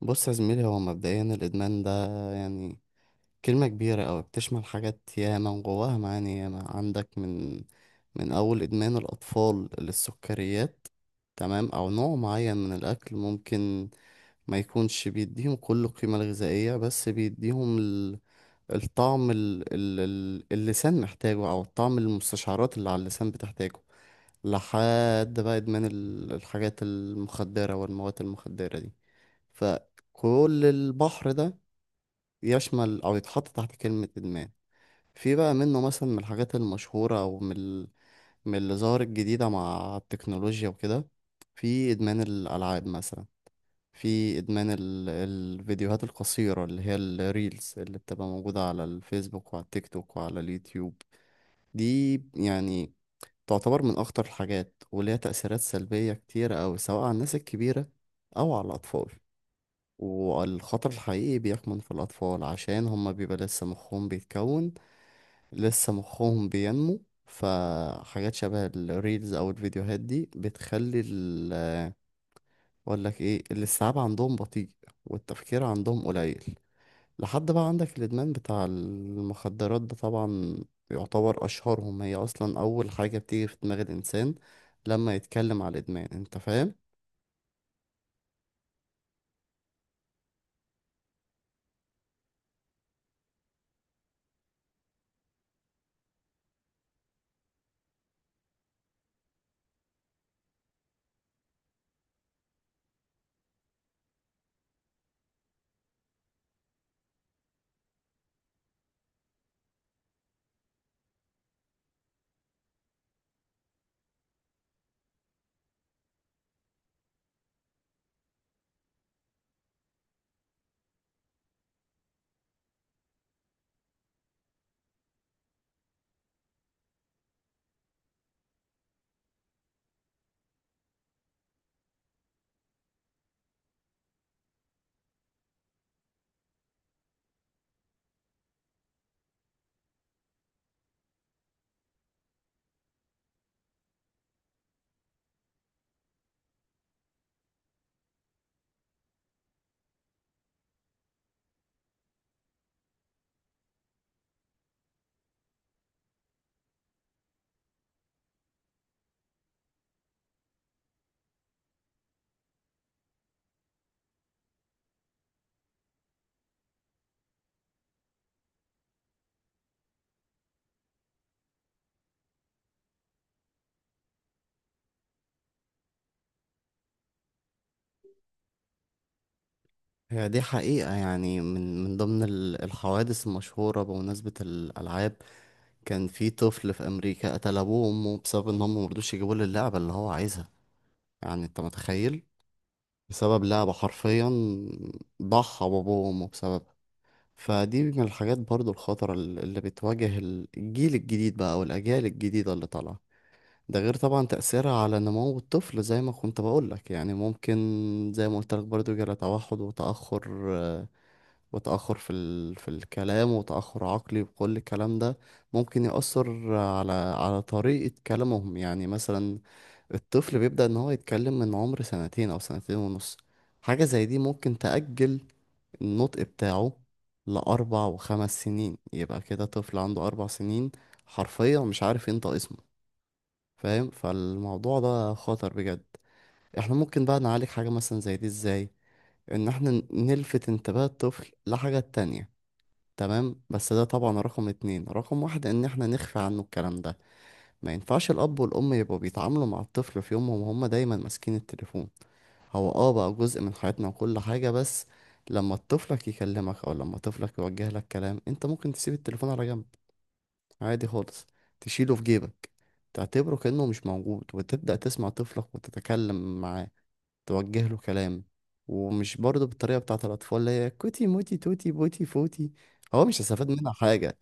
بص يا زميلي، هو مبدئيا الإدمان ده يعني كلمة كبيرة أوي، بتشمل حاجات ياما وجواها معاني ياما. عندك من أول إدمان الأطفال للسكريات، تمام؟ أو نوع معين من الأكل ممكن ما يكونش بيديهم كل القيمة الغذائية، بس بيديهم الطعم اللسان محتاجه، أو الطعم المستشعرات اللي على اللسان بتحتاجه. لحد بقى إدمان الحاجات المخدرة والمواد المخدرة دي. فكل البحر ده يشمل أو يتحط تحت كلمة إدمان. في بقى منه مثلا من الحاجات المشهورة، أو من من اللي ظهرت جديدة مع التكنولوجيا وكده. في إدمان الألعاب مثلا، في إدمان الفيديوهات القصيرة اللي هي الريلز، اللي بتبقى موجودة على الفيسبوك وعلى التيك توك وعلى اليوتيوب. دي يعني تعتبر من أخطر الحاجات، وليها تأثيرات سلبية كتيرة أوي، سواء على الناس الكبيرة أو على الأطفال. والخطر الحقيقي بيكمن في الأطفال، عشان هما بيبقى لسه مخهم بيتكون، لسه مخهم بينمو. فحاجات شبه الريلز أو الفيديوهات دي بتخلي ال أقول لك إيه، الاستيعاب عندهم بطيء والتفكير عندهم قليل. لحد بقى عندك الإدمان بتاع المخدرات ده، طبعا يعتبر أشهرهم، هي أصلا أول حاجة بتيجي في دماغ الإنسان لما يتكلم على الإدمان. أنت فاهم؟ هي دي حقيقة، يعني من ضمن الحوادث المشهورة، بمناسبة الألعاب كان في طفل في أمريكا قتل أبوه وأمه بسبب إن هم مرضوش يجيبوا له اللعبة اللي هو عايزها. يعني أنت متخيل؟ بسبب لعبة حرفيا ضحى بأبوه وأمه بسببها. فدي من الحاجات برضو الخطرة اللي بتواجه الجيل الجديد بقى والأجيال الجديدة اللي طالعة. ده غير طبعا تأثيرها على نمو الطفل، زي ما كنت بقولك، يعني ممكن زي ما قلت لك برضو يجرى توحد وتأخر، وتأخر في في الكلام، وتأخر عقلي، وكل الكلام ده ممكن يأثر على طريقة كلامهم. يعني مثلا الطفل بيبدأ إن هو يتكلم من عمر سنتين أو سنتين ونص، حاجة زي دي ممكن تأجل النطق بتاعه لأربع وخمس سنين. يبقى كده طفل عنده 4 سنين حرفيا مش عارف ينطق اسمه، فاهم؟ فالموضوع ده خطر بجد. احنا ممكن بقى نعالج حاجة مثلا زي دي ازاي؟ إن احنا نلفت انتباه الطفل لحاجة تانية، تمام، بس ده طبعا رقم اتنين. رقم واحد ان احنا نخفي عنه الكلام ده. ما ينفعش الاب والام يبقوا بيتعاملوا مع الطفل في يومهم وهم دايما ماسكين التليفون. هو اه، بقى جزء من حياتنا وكل حاجة، بس لما طفلك يكلمك، او لما طفلك يوجه لك كلام، انت ممكن تسيب التليفون على جنب عادي خالص، تشيله في جيبك، تعتبره كأنه مش موجود، وتبدأ تسمع طفلك وتتكلم معاه، توجه له كلام. ومش برضه بالطريقة بتاعت الأطفال اللي هي كوتي موتي توتي بوتي فوتي، هو مش هيستفاد منها حاجة،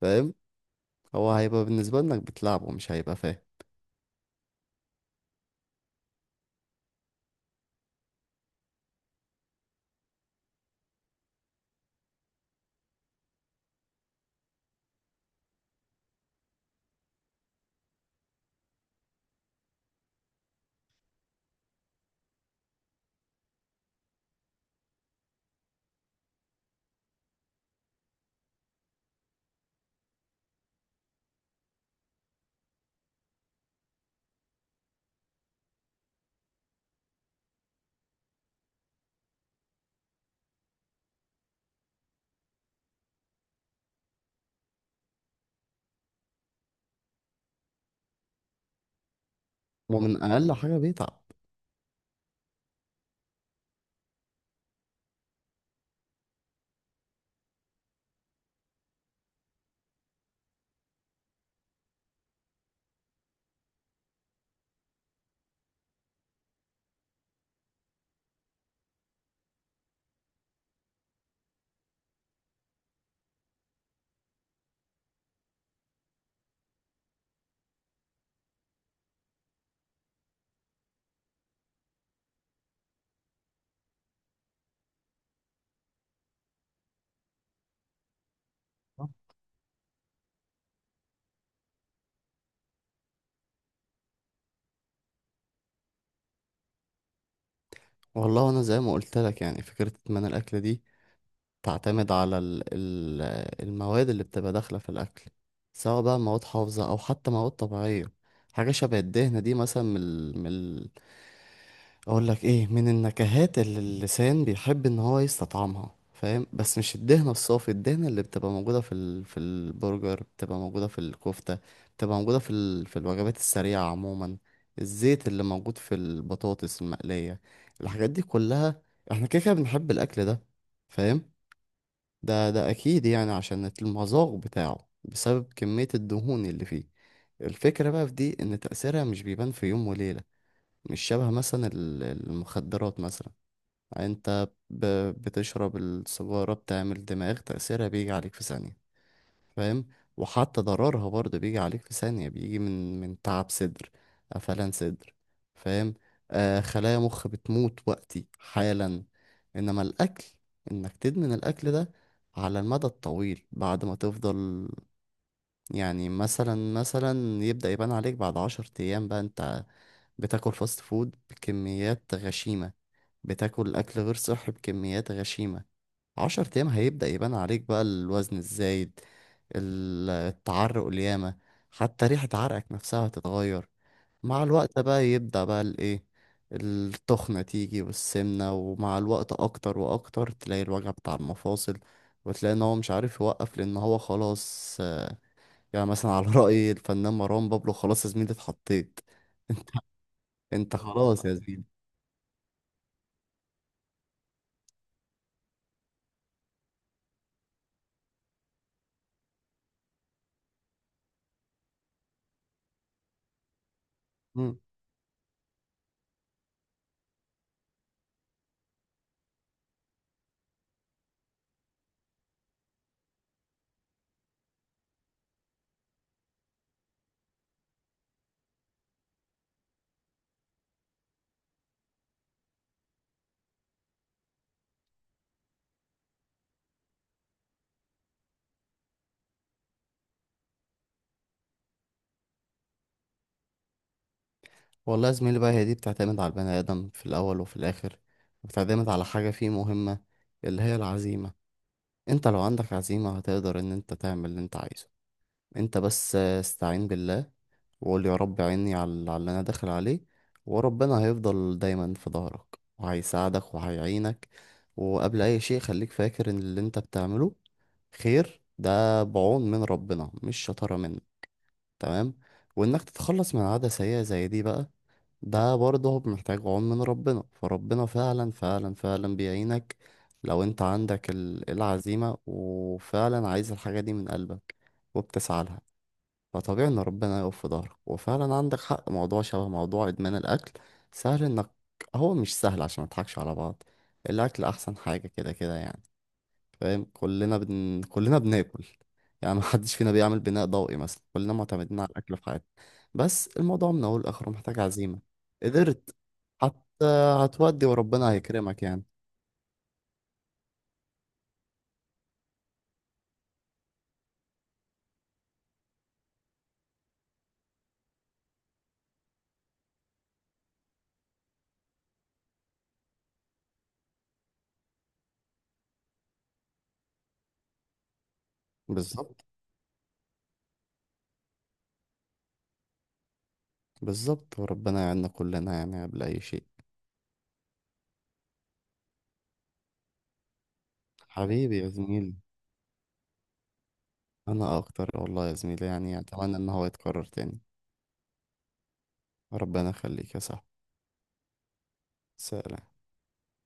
فاهم؟ هو هيبقى بالنسبة لك بتلعبه، مش هيبقى فاهم. ومن أقل حاجة بيتعب. والله أنا زي ما قلت لك، يعني فكرة إدمان الأكل دي تعتمد على المواد اللي بتبقى داخلة في الأكل، سواء بقى مواد حافظة أو حتى مواد طبيعية. حاجة شبه الدهنة دي مثلا من من اقول لك ايه، من النكهات اللي اللسان بيحب ان هو يستطعمها، فاهم؟ بس مش الدهنة الصافي، الدهنة اللي بتبقى موجودة في في البرجر، بتبقى موجودة في الكفتة، بتبقى موجودة في في الوجبات السريعة عموما، الزيت اللي موجود في البطاطس المقلية، الحاجات دي كلها. احنا كده كده بنحب الاكل ده، فاهم؟ ده اكيد، يعني عشان المذاق بتاعه بسبب كمية الدهون اللي فيه. الفكرة بقى في دي ان تأثيرها مش بيبان في يوم وليلة، مش شبه مثلا المخدرات مثلا. انت بتشرب السجارة، بتعمل دماغ، تأثيرها بيجي عليك في ثانية، فاهم؟ وحتى ضررها برضه بيجي عليك في ثانية، بيجي من تعب صدر، قفلان صدر، فاهم؟ آه، خلايا مخ بتموت وقتي حالا. انما الاكل، انك تدمن الاكل ده على المدى الطويل، بعد ما تفضل، يعني مثلا يبدأ يبان عليك بعد 10 أيام. بقى أنت بتاكل فاست فود بكميات غشيمة، بتاكل أكل غير صحي بكميات غشيمة، 10 أيام هيبدأ يبان عليك بقى الوزن الزايد، التعرق الياما، حتى ريحة عرقك نفسها هتتغير. مع الوقت بقى يبدأ بقى الإيه، التخنة تيجي والسمنة، ومع الوقت أكتر وأكتر تلاقي الوجع بتاع المفاصل، وتلاقي إن هو مش عارف يوقف لأن هو خلاص. يعني مثلا على رأي الفنان مروان بابلو، خلاص يا زميلي، اتحطيت. انت، انت خلاص يا زميلي. مم. والله يا زميلي بقى، هي دي بتعتمد على البني آدم في الأول وفي الآخر، بتعتمد على حاجة فيه مهمة، اللي هي العزيمة. انت لو عندك عزيمة، هتقدر ان انت تعمل اللي انت عايزه. انت بس استعين بالله، وقول يا رب عيني على اللي انا داخل عليه، وربنا هيفضل دايما في ظهرك وهيساعدك وهيعينك. وقبل اي شيء خليك فاكر ان اللي انت بتعمله خير، ده بعون من ربنا مش شطارة منه، تمام؟ وإنك تتخلص من عادة سيئة زي دي بقى، ده برضه محتاج عون من ربنا، فربنا فعلا فعلا فعلا بيعينك لو انت عندك العزيمة، وفعلا عايز الحاجة دي من قلبك وبتسعى لها، فطبيعي ان ربنا يقف في ظهرك. وفعلا عندك حق، موضوع شبه موضوع ادمان الاكل، سهل انك، هو مش سهل عشان ما نضحكش على بعض. الاكل احسن حاجة كده كده يعني، فاهم؟ كلنا بناكل، يعني ما حدش فينا بيعمل بناء ضوئي مثلا، كلنا معتمدين على الاكل في حياتنا. بس الموضوع من اول لاخره محتاج عزيمه، قدرت حتى هتودي وربنا هيكرمك يعني. بالظبط، بالظبط، وربنا يعيننا كلنا يعني قبل اي شيء. حبيبي يا زميلي، انا اكتر والله يا زميلي، يعني اتمنى ان هو يتكرر تاني. ربنا يخليك يا صاحبي. سلام.